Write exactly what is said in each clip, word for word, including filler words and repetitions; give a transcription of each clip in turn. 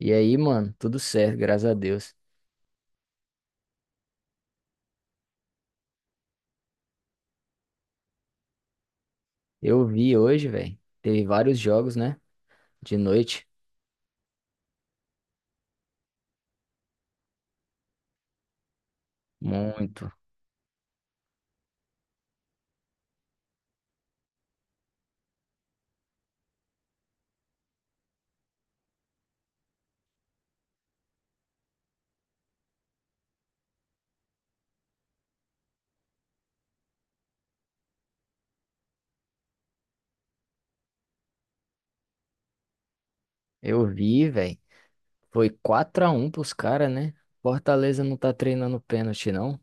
E aí, mano, tudo certo, graças a Deus. Eu vi hoje, velho. Teve vários jogos, né? De noite. Muito. Eu vi, velho. Foi quatro a um pros caras, né? Fortaleza não tá treinando pênalti, não.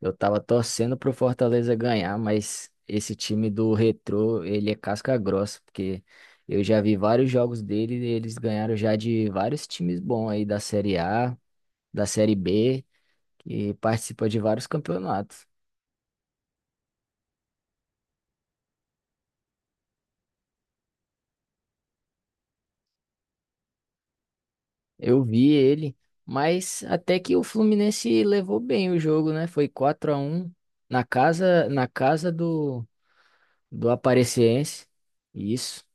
Eu tava torcendo pro Fortaleza ganhar, mas esse time do Retrô, ele é casca grossa, porque eu já vi vários jogos dele e eles ganharam já de vários times bons aí da Série A, da Série B, que participa de vários campeonatos. Eu vi ele, mas até que o Fluminense levou bem o jogo, né? Foi quatro a um na casa, na casa do do Aparecidense. Isso.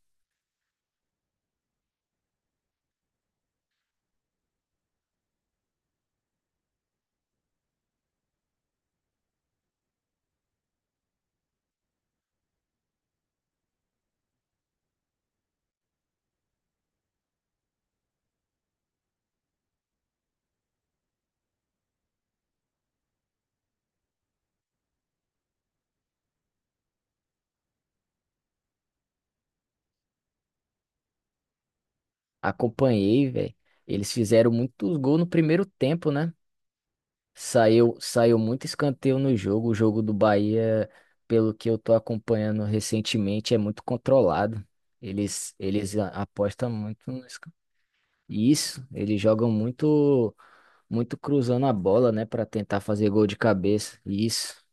Acompanhei, velho. Eles fizeram muitos gols no primeiro tempo, né? Saiu, saiu muito escanteio no jogo. O jogo do Bahia, pelo que eu tô acompanhando recentemente, é muito controlado. Eles, eles a- apostam muito no escanteio. Isso, eles jogam muito, muito cruzando a bola, né, pra tentar fazer gol de cabeça. Isso.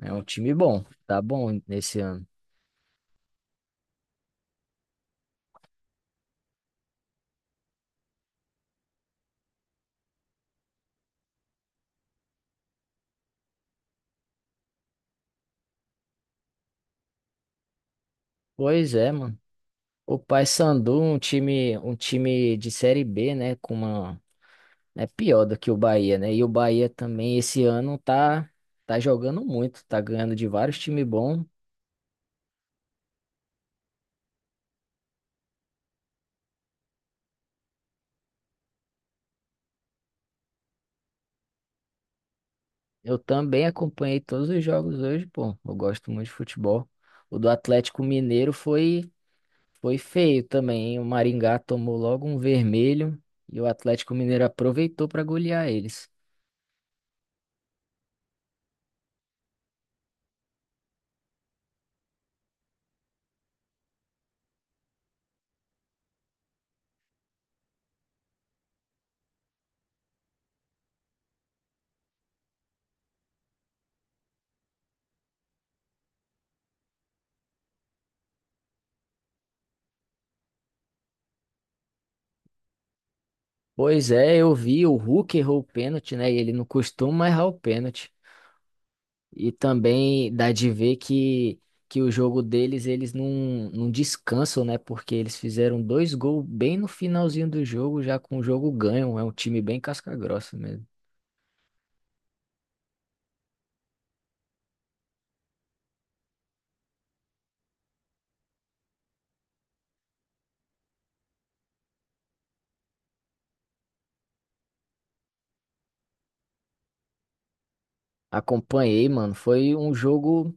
É um time bom, tá bom nesse ano. Pois é, mano. O Paysandu, um time, um time de série B, né, com uma é pior do que o Bahia, né? E o Bahia também esse ano tá tá jogando muito, tá ganhando de vários times bons. Eu também acompanhei todos os jogos hoje, pô. Eu gosto muito de futebol. O do Atlético Mineiro foi, foi feio também, hein? O Maringá tomou logo um vermelho e o Atlético Mineiro aproveitou para golear eles. Pois é, eu vi, o Hulk errou o pênalti, né? E ele não costuma errar o pênalti. E também dá de ver que, que o jogo deles, eles não, não descansam, né? Porque eles fizeram dois gols bem no finalzinho do jogo, já com o jogo ganho. É um time bem casca-grossa mesmo. Acompanhei, mano. Foi um jogo.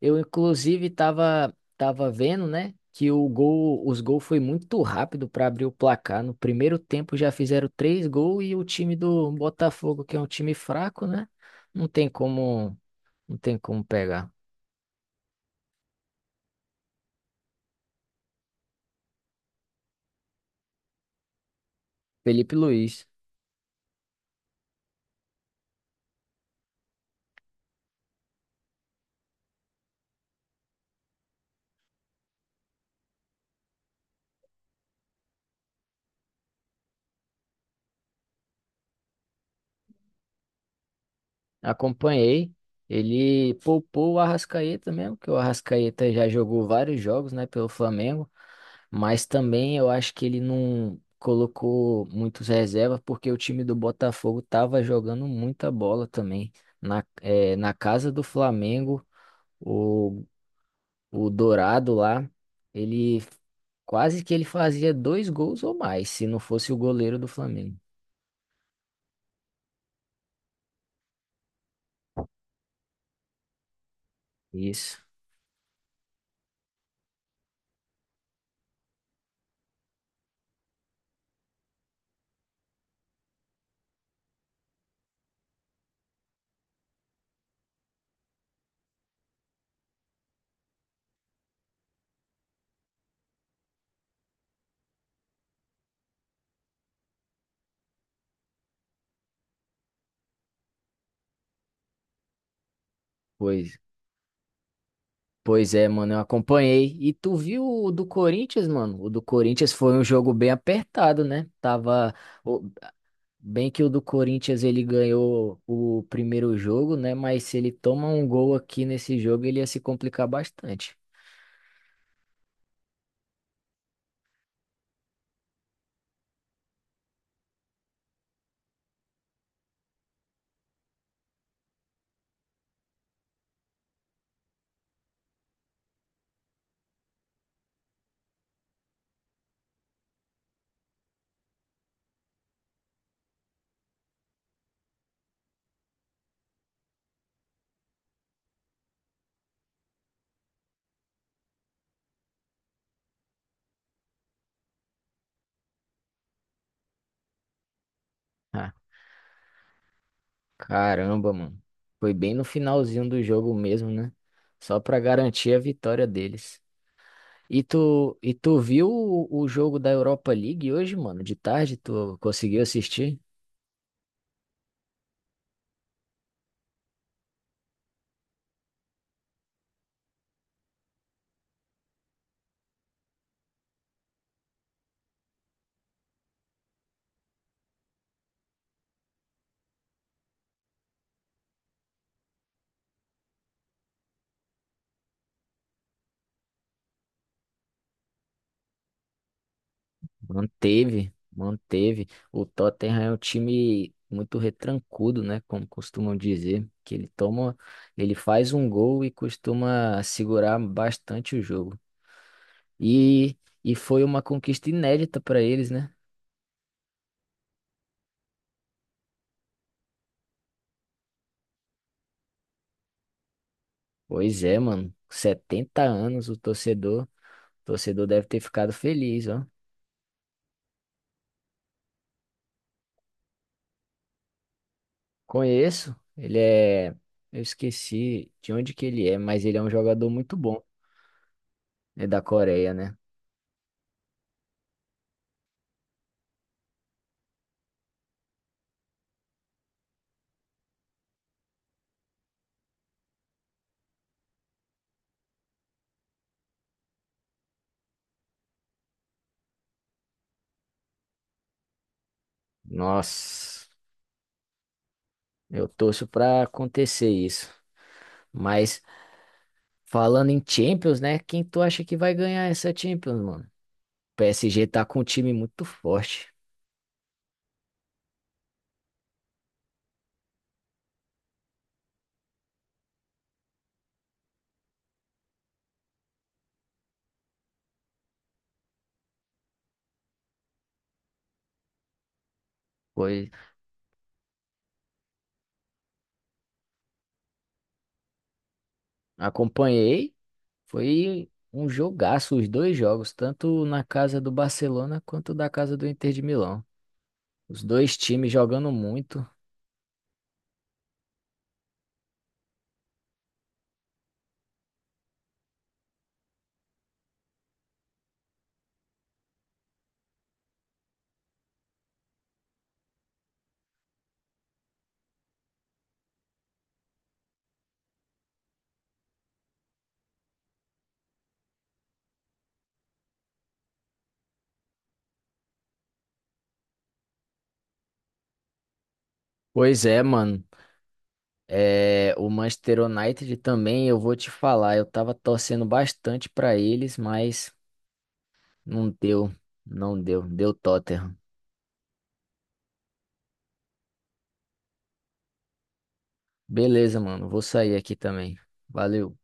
Eu, inclusive, tava, tava vendo, né, que o gol, os gols foi muito rápido para abrir o placar. No primeiro tempo já fizeram três gols e o time do Botafogo, que é um time fraco, né, não tem como, não tem como pegar. Felipe Luiz, acompanhei. Ele poupou o Arrascaeta mesmo, que o Arrascaeta já jogou vários jogos, né, pelo Flamengo. Mas também eu acho que ele não colocou muitos reservas porque o time do Botafogo estava jogando muita bola também. Na, eh, na casa do Flamengo, o, o Dourado lá, ele quase que ele fazia dois gols ou mais, se não fosse o goleiro do Flamengo. Isso, pois, pois é, mano, eu acompanhei. E tu viu o do Corinthians, mano? O do Corinthians foi um jogo bem apertado, né? Tava. o- Bem que o do Corinthians ele ganhou o primeiro jogo, né? Mas se ele toma um gol aqui nesse jogo, ele ia se complicar bastante. Ah, caramba, mano. Foi bem no finalzinho do jogo mesmo, né? Só pra garantir a vitória deles. E tu, e tu viu o, o jogo da Europa League hoje, mano? De tarde, tu conseguiu assistir? Manteve, manteve. O Tottenham é um time muito retrancudo, né? Como costumam dizer, que ele toma, ele faz um gol e costuma segurar bastante o jogo. E, e foi uma conquista inédita para eles, né? Pois é, mano. setenta anos o torcedor, o torcedor deve ter ficado feliz, ó. Conheço, ele é, eu esqueci de onde que ele é, mas ele é um jogador muito bom. É da Coreia, né? Nossa. Eu torço pra acontecer isso. Mas falando em Champions, né? Quem tu acha que vai ganhar essa Champions, mano? O P S G tá com um time muito forte. Foi, acompanhei, foi um jogaço, os dois jogos, tanto na casa do Barcelona quanto da casa do Inter de Milão. Os dois times jogando muito. Pois é, mano. É, o Manchester United também, eu vou te falar, eu tava torcendo bastante pra eles, mas não deu, não deu, deu Tottenham. Beleza, mano. Vou sair aqui também. Valeu.